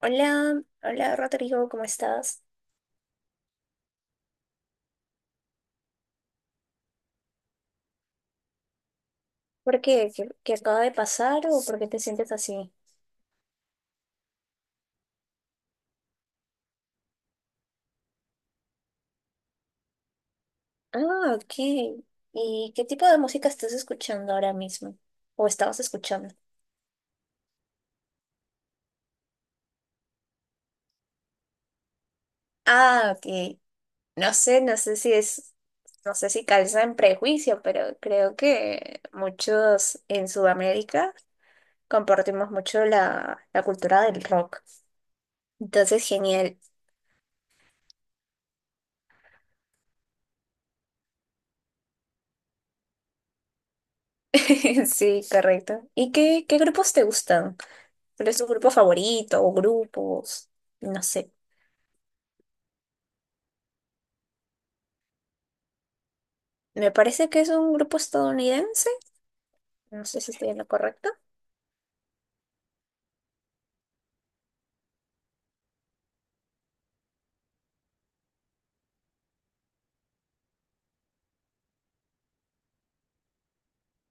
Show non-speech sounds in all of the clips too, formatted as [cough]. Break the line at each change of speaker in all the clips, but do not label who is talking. Hola, hola Rodrigo, ¿cómo estás? ¿Por qué? ¿¿Qué acaba de pasar o por qué te sientes así? Ah, ok. ¿Y qué tipo de música estás escuchando ahora mismo? ¿O estabas escuchando? Ah, ok. No sé, no sé si es, no sé si calza en prejuicio, pero creo que muchos en Sudamérica compartimos mucho la cultura del rock. Entonces, genial. [laughs] Sí, correcto. ¿Y qué, qué grupos te gustan? Pero es su grupo favorito o grupos, no sé. Me parece que es un grupo estadounidense, no sé si estoy en lo correcto.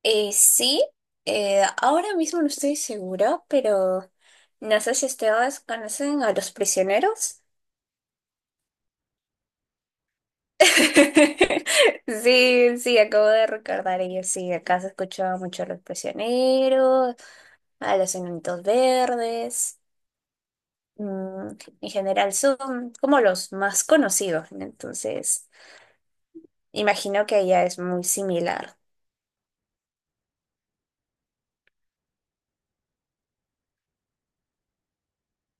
Sí, ahora mismo no estoy segura, pero no sé si ustedes conocen a Los Prisioneros. [laughs] Sí, sí, acabo de recordar ellos, sí, acá se escuchaba mucho a Los Prisioneros, a Los Enanitos Verdes, mm, en general son como los más conocidos, ¿no? Entonces... Imagino que ella es muy similar.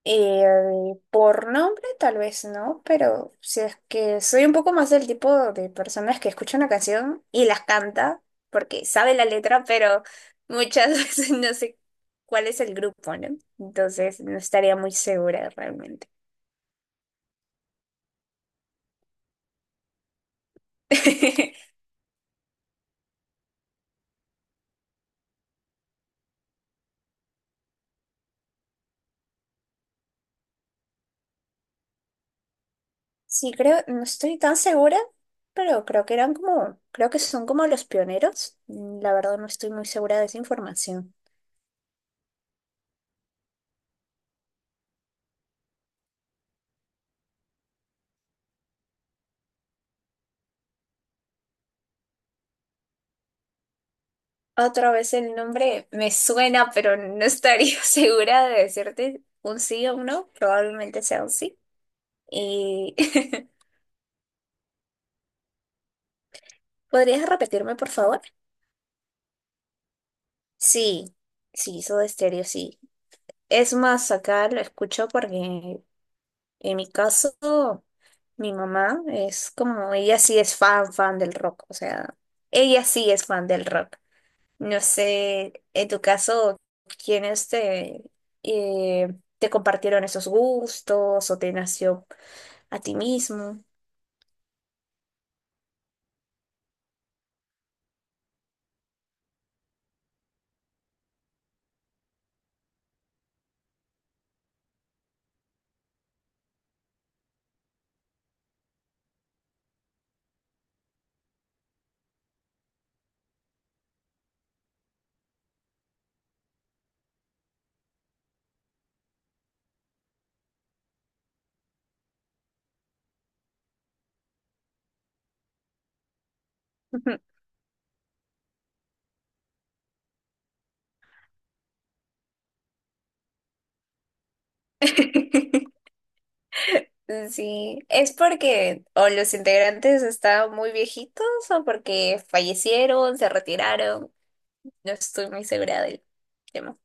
Eh, por nombre tal vez no, pero si es que soy un poco más del tipo de personas que escucha una canción y las canta porque sabe la letra, pero muchas [laughs] veces no sé cuál es el grupo, ¿no? Entonces no estaría muy segura realmente. [laughs] Sí, creo, no estoy tan segura, pero creo que eran como, creo que son como los pioneros. Mm, la verdad no estoy muy segura de esa información. Otra vez el nombre me suena, pero no estaría [laughs] segura de decirte un sí o un no. Probablemente sea un sí. Y [laughs] ¿podrías repetirme, por favor? Sí, sí, Soda Stereo, sí. Es más, acá lo escucho porque en mi caso, mi mamá es como, ella sí es fan, fan del rock. O sea, ella sí es fan del rock. No sé, en tu caso, ¿quiénes te, eh, te compartieron esos gustos o te nació a ti mismo? Ujú. [laughs] Sí, ¿es porque o los integrantes estaban muy viejitos o porque fallecieron, se retiraron? No estoy muy segura del tema.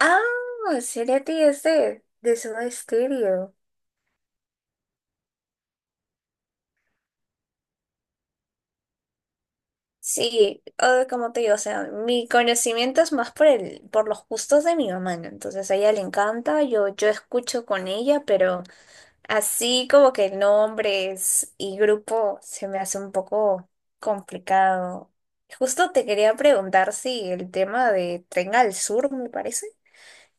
Ah, Cerati es de Soda Stereo. Sí, como te digo, o sea, mi conocimiento es más por el, por los gustos de mi mamá, ¿no? Entonces a ella le encanta, yo escucho con ella, pero así como que nombres y grupo se me hace un poco complicado. Justo te quería preguntar si el tema de Tren al Sur, me parece,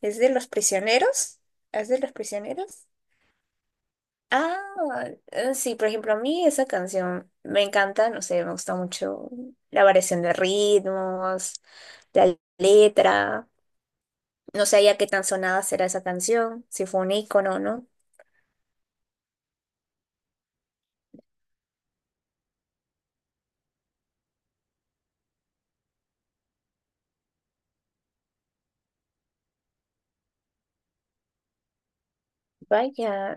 es de Los Prisioneros, es de los prisioneros. Ah, sí, por ejemplo, a mí esa canción me encanta, no sé, me gusta mucho la variación de ritmos, la letra, no sé ya qué tan sonada será esa canción, si fue un ícono, ¿no? Vaya,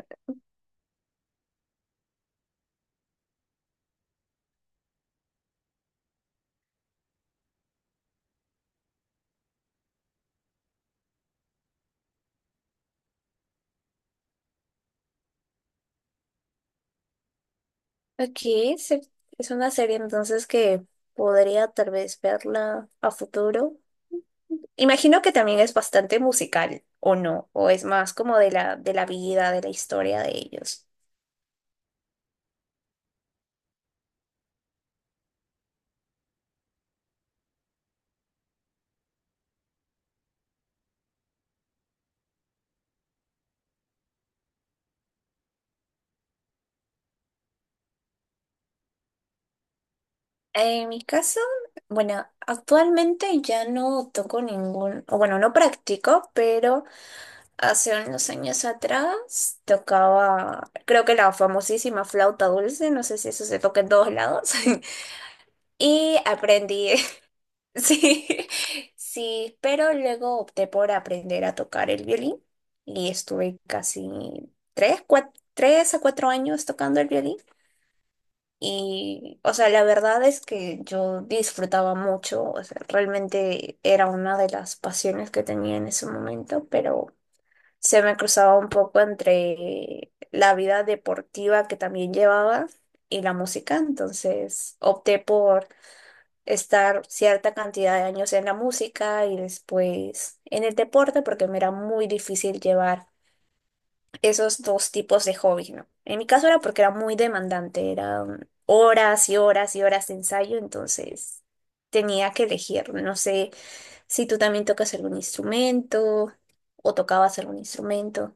aquí se- es una serie entonces que podría tal vez verla a futuro. Imagino que también es bastante musical, ¿o no? O es más como de de la vida, de la historia de ellos. En mi caso, bueno, actualmente ya no toco ningún, o bueno, no practico, pero hace unos años atrás tocaba, creo que la famosísima flauta dulce, no sé si eso se toca en todos lados, [laughs] y aprendí, [laughs] sí, sí, pero luego opté por aprender a tocar el violín y estuve casi 3 a 4 años tocando el violín. Y, o sea, la verdad es que yo disfrutaba mucho, o sea, realmente era una de las pasiones que tenía en ese momento, pero se me cruzaba un poco entre la vida deportiva que también llevaba y la música, entonces opté por estar cierta cantidad de años en la música y después en el deporte porque me era muy difícil llevar esos dos tipos de hobbies, ¿no? En mi caso era porque era muy demandante, eran horas y horas y horas de ensayo, entonces tenía que elegir. No sé si tú también tocas algún instrumento o tocabas algún instrumento.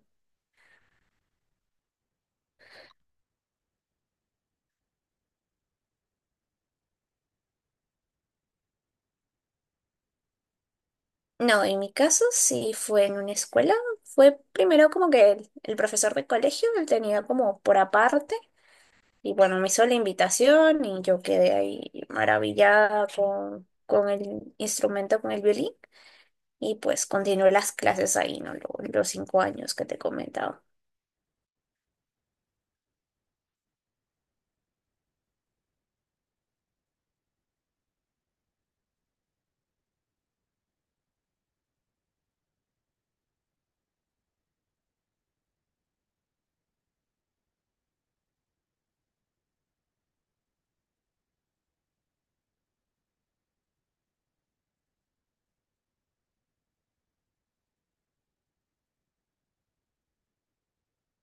No, en mi caso sí fue en una escuela. Fue primero como que el profesor de colegio, él tenía como por aparte, y bueno, me hizo la invitación y yo quedé ahí maravillada con el instrumento, con el violín. Y pues continué las clases ahí, ¿no? Los, 5 años que te he comentado.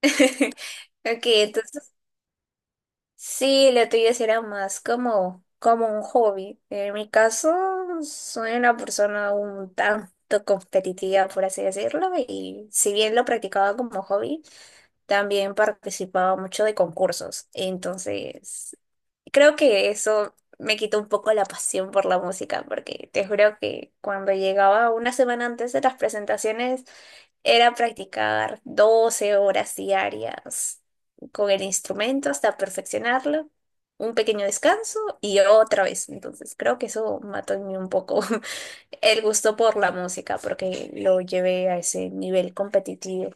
[laughs] Ok, entonces sí, la tuya será más como, como un hobby. En mi caso, soy una persona un tanto competitiva, por así decirlo, y si bien lo practicaba como hobby, también participaba mucho de concursos. Entonces, creo que eso me quitó un poco la pasión por la música, porque te juro que cuando llegaba una semana antes de las presentaciones, era practicar 12 horas diarias con el instrumento hasta perfeccionarlo, un pequeño descanso y otra vez. Entonces, creo que eso mató en mí un poco [laughs] el gusto por la música, porque lo llevé a ese nivel competitivo.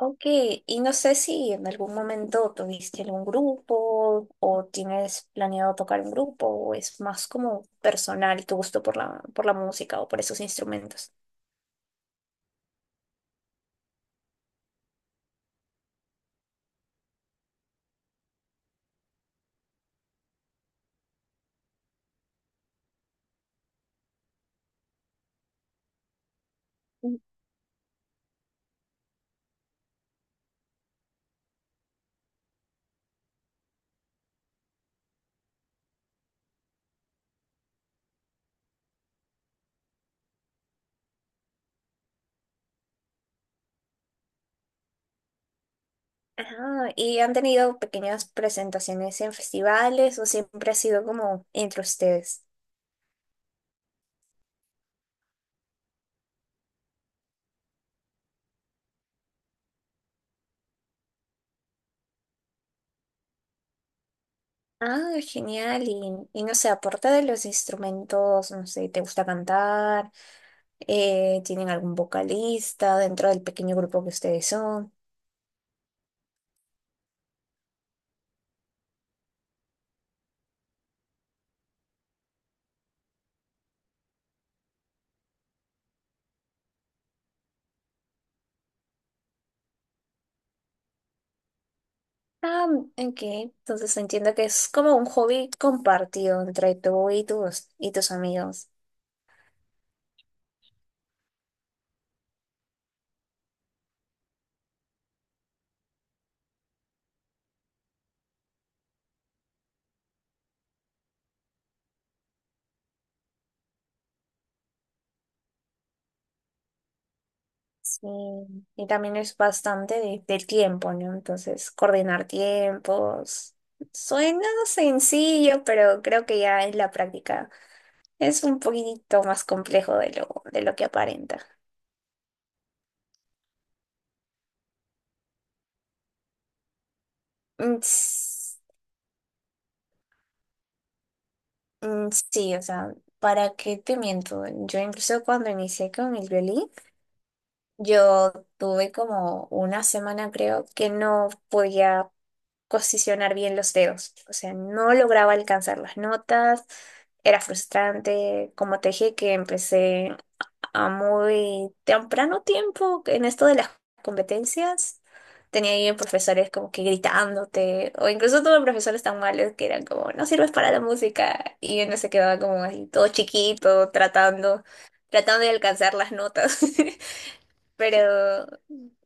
Ok, y no sé si en algún momento tuviste algún grupo o tienes planeado tocar un grupo o es más como personal tu gusto por por la música o por esos instrumentos. Mm. Ajá, ¿y han tenido pequeñas presentaciones en festivales o siempre ha sido como entre ustedes? Ah, genial. Y no sé, aparte de los instrumentos, no sé, ¿te gusta cantar? ¿Tienen algún vocalista dentro del pequeño grupo que ustedes son? Ah, ok. Entonces entiendo que es como un hobby compartido entre tú y y tus amigos. Sí. Y también es bastante del tiempo, ¿no? Entonces, coordinar tiempos. Suena sencillo, pero creo que ya en la práctica es un poquitito más complejo de de lo que aparenta. Mm, s- Sí, o sea, ¿para qué te miento? Yo incluso cuando inicié con el violín, yo tuve como una semana, creo, que no podía posicionar bien los dedos. O sea, no lograba alcanzar las notas. Era frustrante. Como te dije, que empecé a muy temprano tiempo en esto de las competencias. Tenía ahí profesores como que gritándote, o incluso tuve profesores tan malos que eran como, no sirves para la música, y uno se quedaba como ahí todo chiquito, tratando, tratando de alcanzar las notas. [laughs] Pero,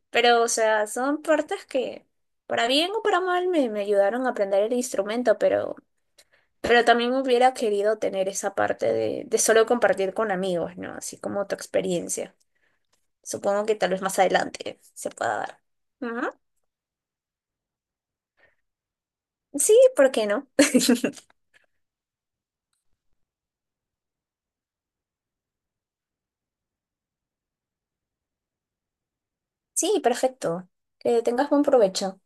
pero, o sea, son partes que, para bien o para mal, me ayudaron a aprender el instrumento, pero también hubiera querido tener esa parte de solo compartir con amigos, ¿no? Así como tu experiencia. Supongo que tal vez más adelante se pueda dar. Ujú. Sí, ¿por qué no? [laughs] Sí, perfecto. Que tengas buen provecho.